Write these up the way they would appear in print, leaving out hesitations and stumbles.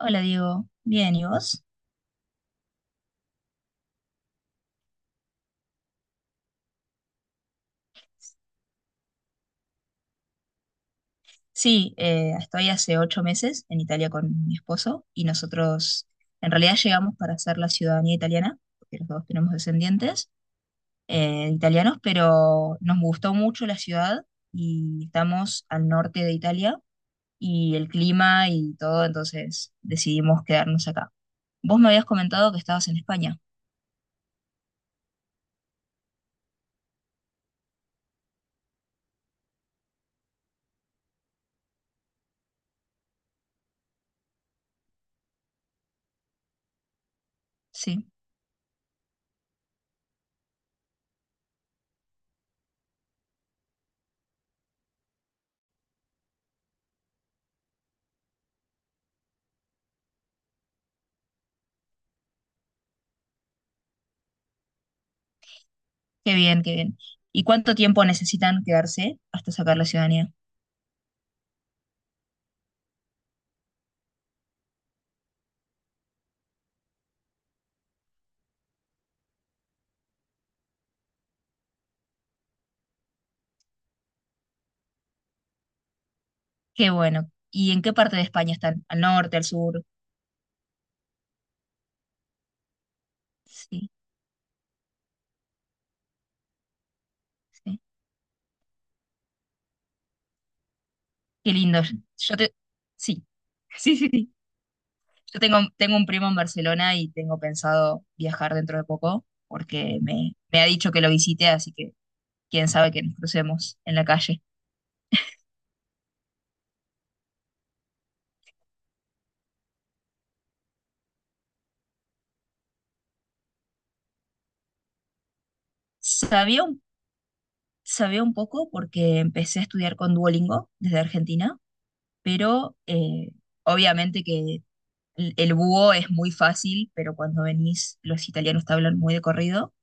Hola Diego, bien, ¿y vos? Sí, estoy hace 8 meses en Italia con mi esposo y nosotros en realidad llegamos para hacer la ciudadanía italiana, porque los dos tenemos descendientes italianos, pero nos gustó mucho la ciudad y estamos al norte de Italia y el clima y todo, entonces decidimos quedarnos acá. Vos me habías comentado que estabas en España, sí, qué bien, qué bien. ¿Y cuánto tiempo necesitan quedarse hasta sacar la ciudadanía? Qué bueno. ¿Y en qué parte de España están? ¿Al norte, al sur? Sí, sí. Qué lindo. Yo te... Sí, sí, sí, sí. Yo tengo un primo en Barcelona y tengo pensado viajar dentro de poco porque me ha dicho que lo visite, así que quién sabe que nos crucemos en la calle. Sabía un, sabía un poco porque empecé a estudiar con Duolingo desde Argentina, pero obviamente que el búho es muy fácil, pero cuando venís los italianos te hablan muy de corrido.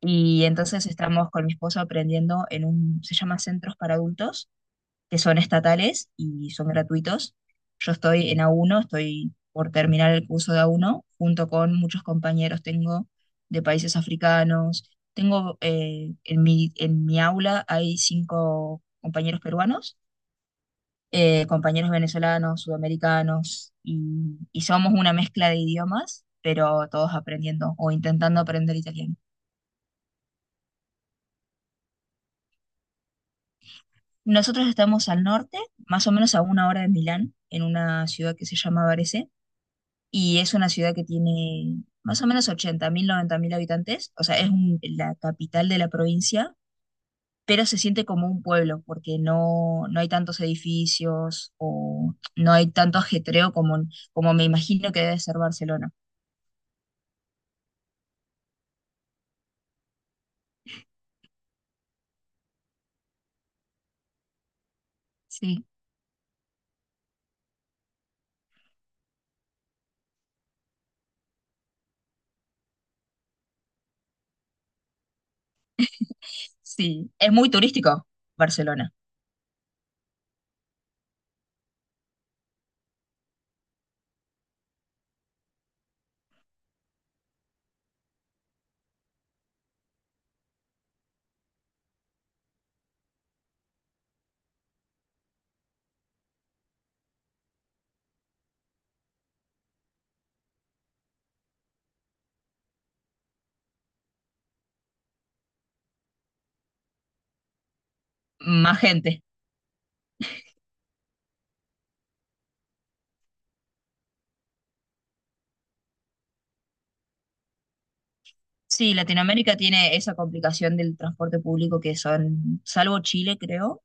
Y entonces estamos con mi esposo aprendiendo en un, se llama Centros para Adultos, que son estatales y son gratuitos. Yo estoy en A1, estoy por terminar el curso de A1, junto con muchos compañeros tengo de países africanos. Tengo en mi aula hay 5 compañeros peruanos, compañeros venezolanos, sudamericanos, y somos una mezcla de idiomas, pero todos aprendiendo o intentando aprender italiano. Nosotros estamos al norte, más o menos a 1 hora de Milán, en una ciudad que se llama Varese, y es una ciudad que tiene más o menos 80.000, mil habitantes, o sea, es un- la capital de la provincia, pero se siente como un pueblo, porque no, no hay tantos edificios o no hay tanto ajetreo como, como me imagino que debe ser Barcelona. Sí, sí, es muy turístico Barcelona, más gente. Sí, Latinoamérica tiene esa complicación del transporte público que son, salvo Chile, creo,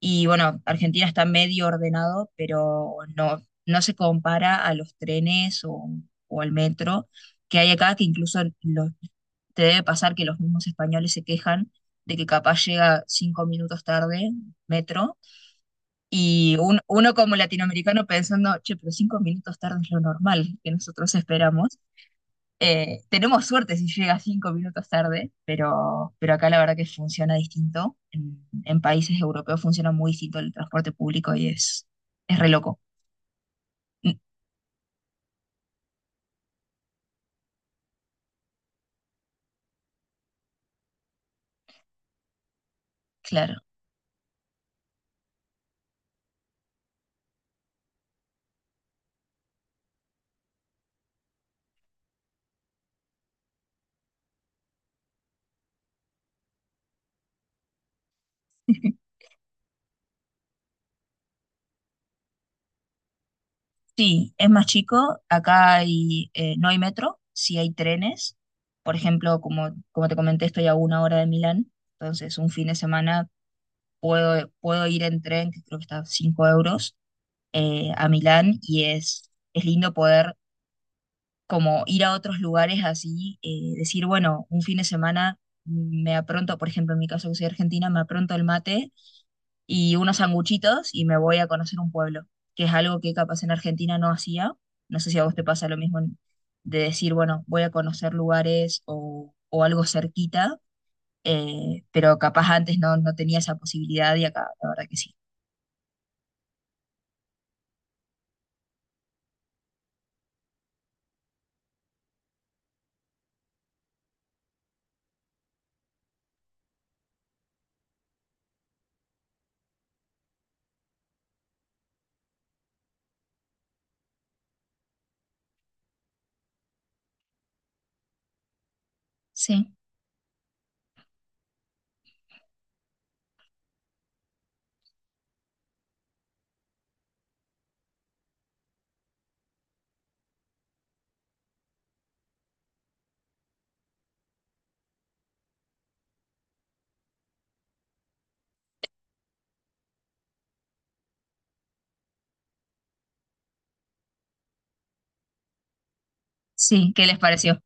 y bueno, Argentina está medio ordenado, pero no, no se compara a los trenes o al metro que hay acá, que incluso los, te debe pasar que los mismos españoles se quejan de que capaz llega 5 minutos tarde, metro, y un- uno como latinoamericano pensando, che, pero 5 minutos tarde es lo normal que nosotros esperamos. Tenemos suerte si llega 5 minutos tarde, pero acá la verdad que funciona distinto. En países europeos funciona muy distinto el transporte público y es re loco. Mm, claro. Sí, es más chico. Acá hay, no hay metro, sí hay trenes. Por ejemplo, como, como te comenté, estoy a 1 hora de Milán. Entonces, un fin de semana puedo ir en tren, que creo que está a 5 euros, a Milán. Y es lindo poder como ir a otros lugares así, decir, bueno, un fin de semana me apronto, por ejemplo, en mi caso que soy argentina, me apronto el mate y unos sanguchitos y me voy a conocer un pueblo, que es algo que capaz en Argentina no hacía. No sé si a vos te pasa lo mismo en- de decir, bueno, voy a conocer lugares o algo cerquita, pero capaz antes no, no tenía esa posibilidad y acá, la verdad que sí. Sí, sí, ¿qué les pareció?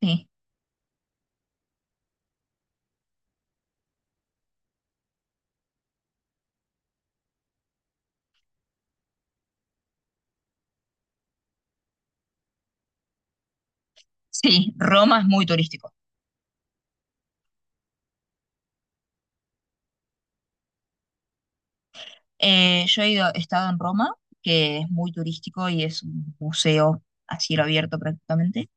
Sí, sí, Roma es muy turístico. Yo he ido- he estado en Roma, que es muy turístico y es un museo a cielo abierto prácticamente.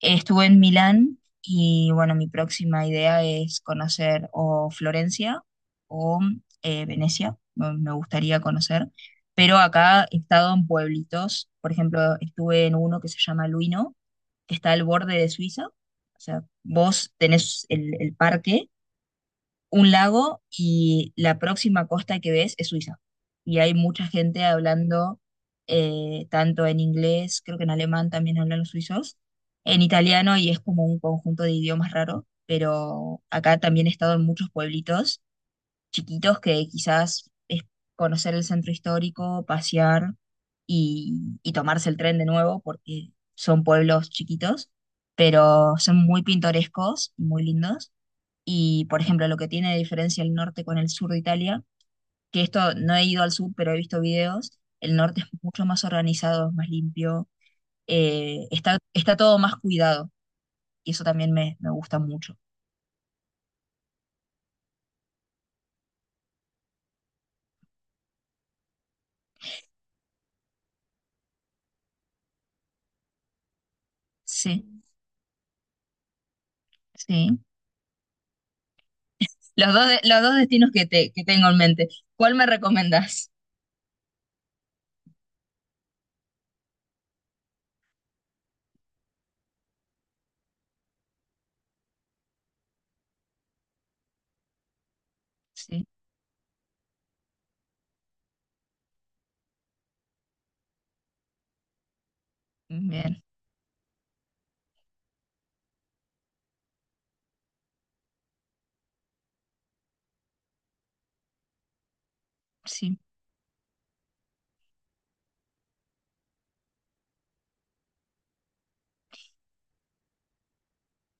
Estuve en Milán y bueno, mi próxima idea es conocer o Florencia o Venecia, me gustaría conocer. Pero acá he estado en pueblitos, por ejemplo, estuve en uno que se llama Luino, que está al borde de Suiza. O sea, vos tenés el parque un lago y la próxima costa que ves es Suiza. Y hay mucha gente hablando tanto en inglés, creo que en alemán también hablan los suizos, en italiano y es como un conjunto de idiomas raro, pero acá también he estado en muchos pueblitos chiquitos que quizás es conocer el centro histórico, pasear y tomarse el tren de nuevo porque son pueblos chiquitos, pero son muy pintorescos y muy lindos. Y, por ejemplo, lo que tiene de diferencia el norte con el sur de Italia, que esto no he ido al sur, pero he visto videos, el norte es mucho más organizado, es más limpio, está, está todo más cuidado y eso también me gusta mucho. Sí, sí. Los dos, de- los dos destinos que tengo en mente. ¿Cuál me recomendás? Sí, bien, sí,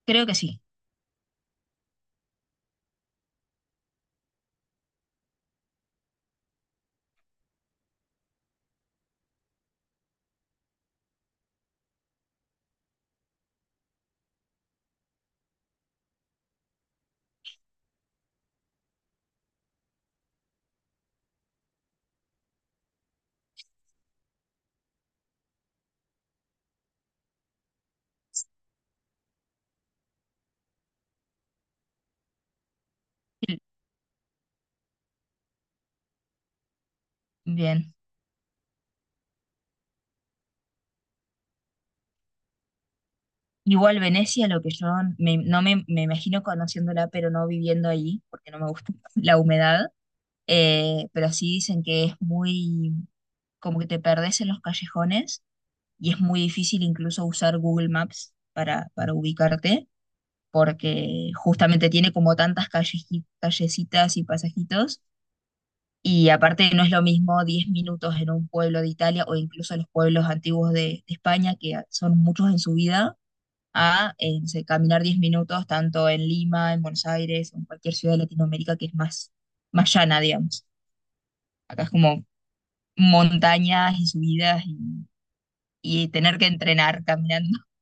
creo que sí. Sí, bien. Igual Venecia, lo que yo me- no me, me imagino conociéndola, pero no viviendo allí, porque no me gusta la humedad. Pero sí dicen que es muy, como que te perdés en los callejones y es muy difícil incluso usar Google Maps para ubicarte, porque justamente tiene como tantas calleji- callecitas y pasajitos, y aparte no es lo mismo 10 minutos en un pueblo de Italia o incluso los pueblos antiguos de España, que son muchos en su vida. A No sé, caminar 10 minutos tanto en Lima, en Buenos Aires, en cualquier ciudad de Latinoamérica que es más, más llana, digamos. Acá es como montañas y subidas y tener que entrenar caminando.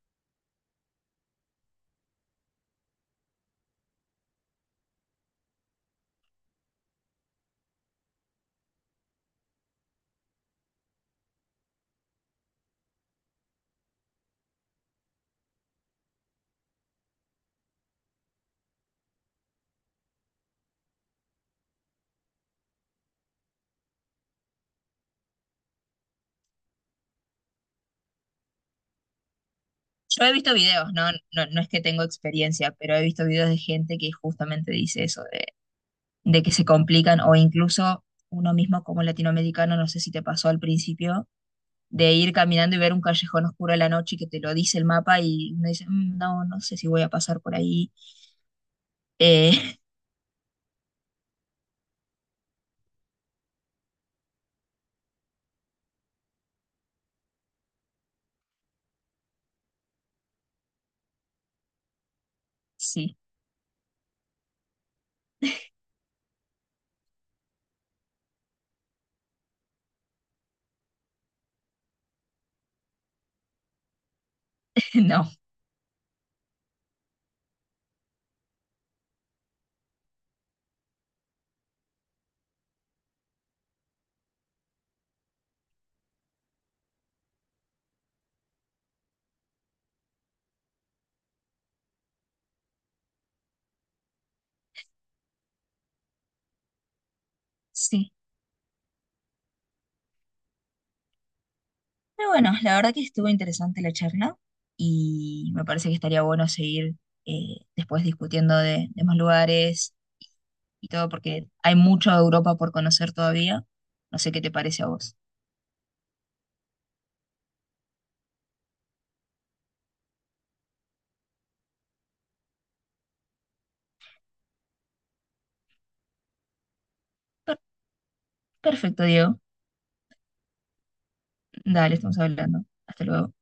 Yo he visto videos, ¿no? No, no es que tengo experiencia, pero he visto videos de gente que justamente dice eso, de que se complican o incluso uno mismo como latinoamericano, no sé si te pasó al principio, de ir caminando y ver un callejón oscuro a la noche y que te lo dice el mapa y uno dice, "Mm, no, no sé si voy a pasar por ahí. Eh, sí, no, sí. Pero bueno, la verdad que estuvo interesante la charla y me parece que estaría bueno seguir después discutiendo de más lugares y todo, porque hay mucho de Europa por conocer todavía. No sé qué te parece a vos. Per- perfecto, Diego. Dale, estamos hablando. Hasta luego.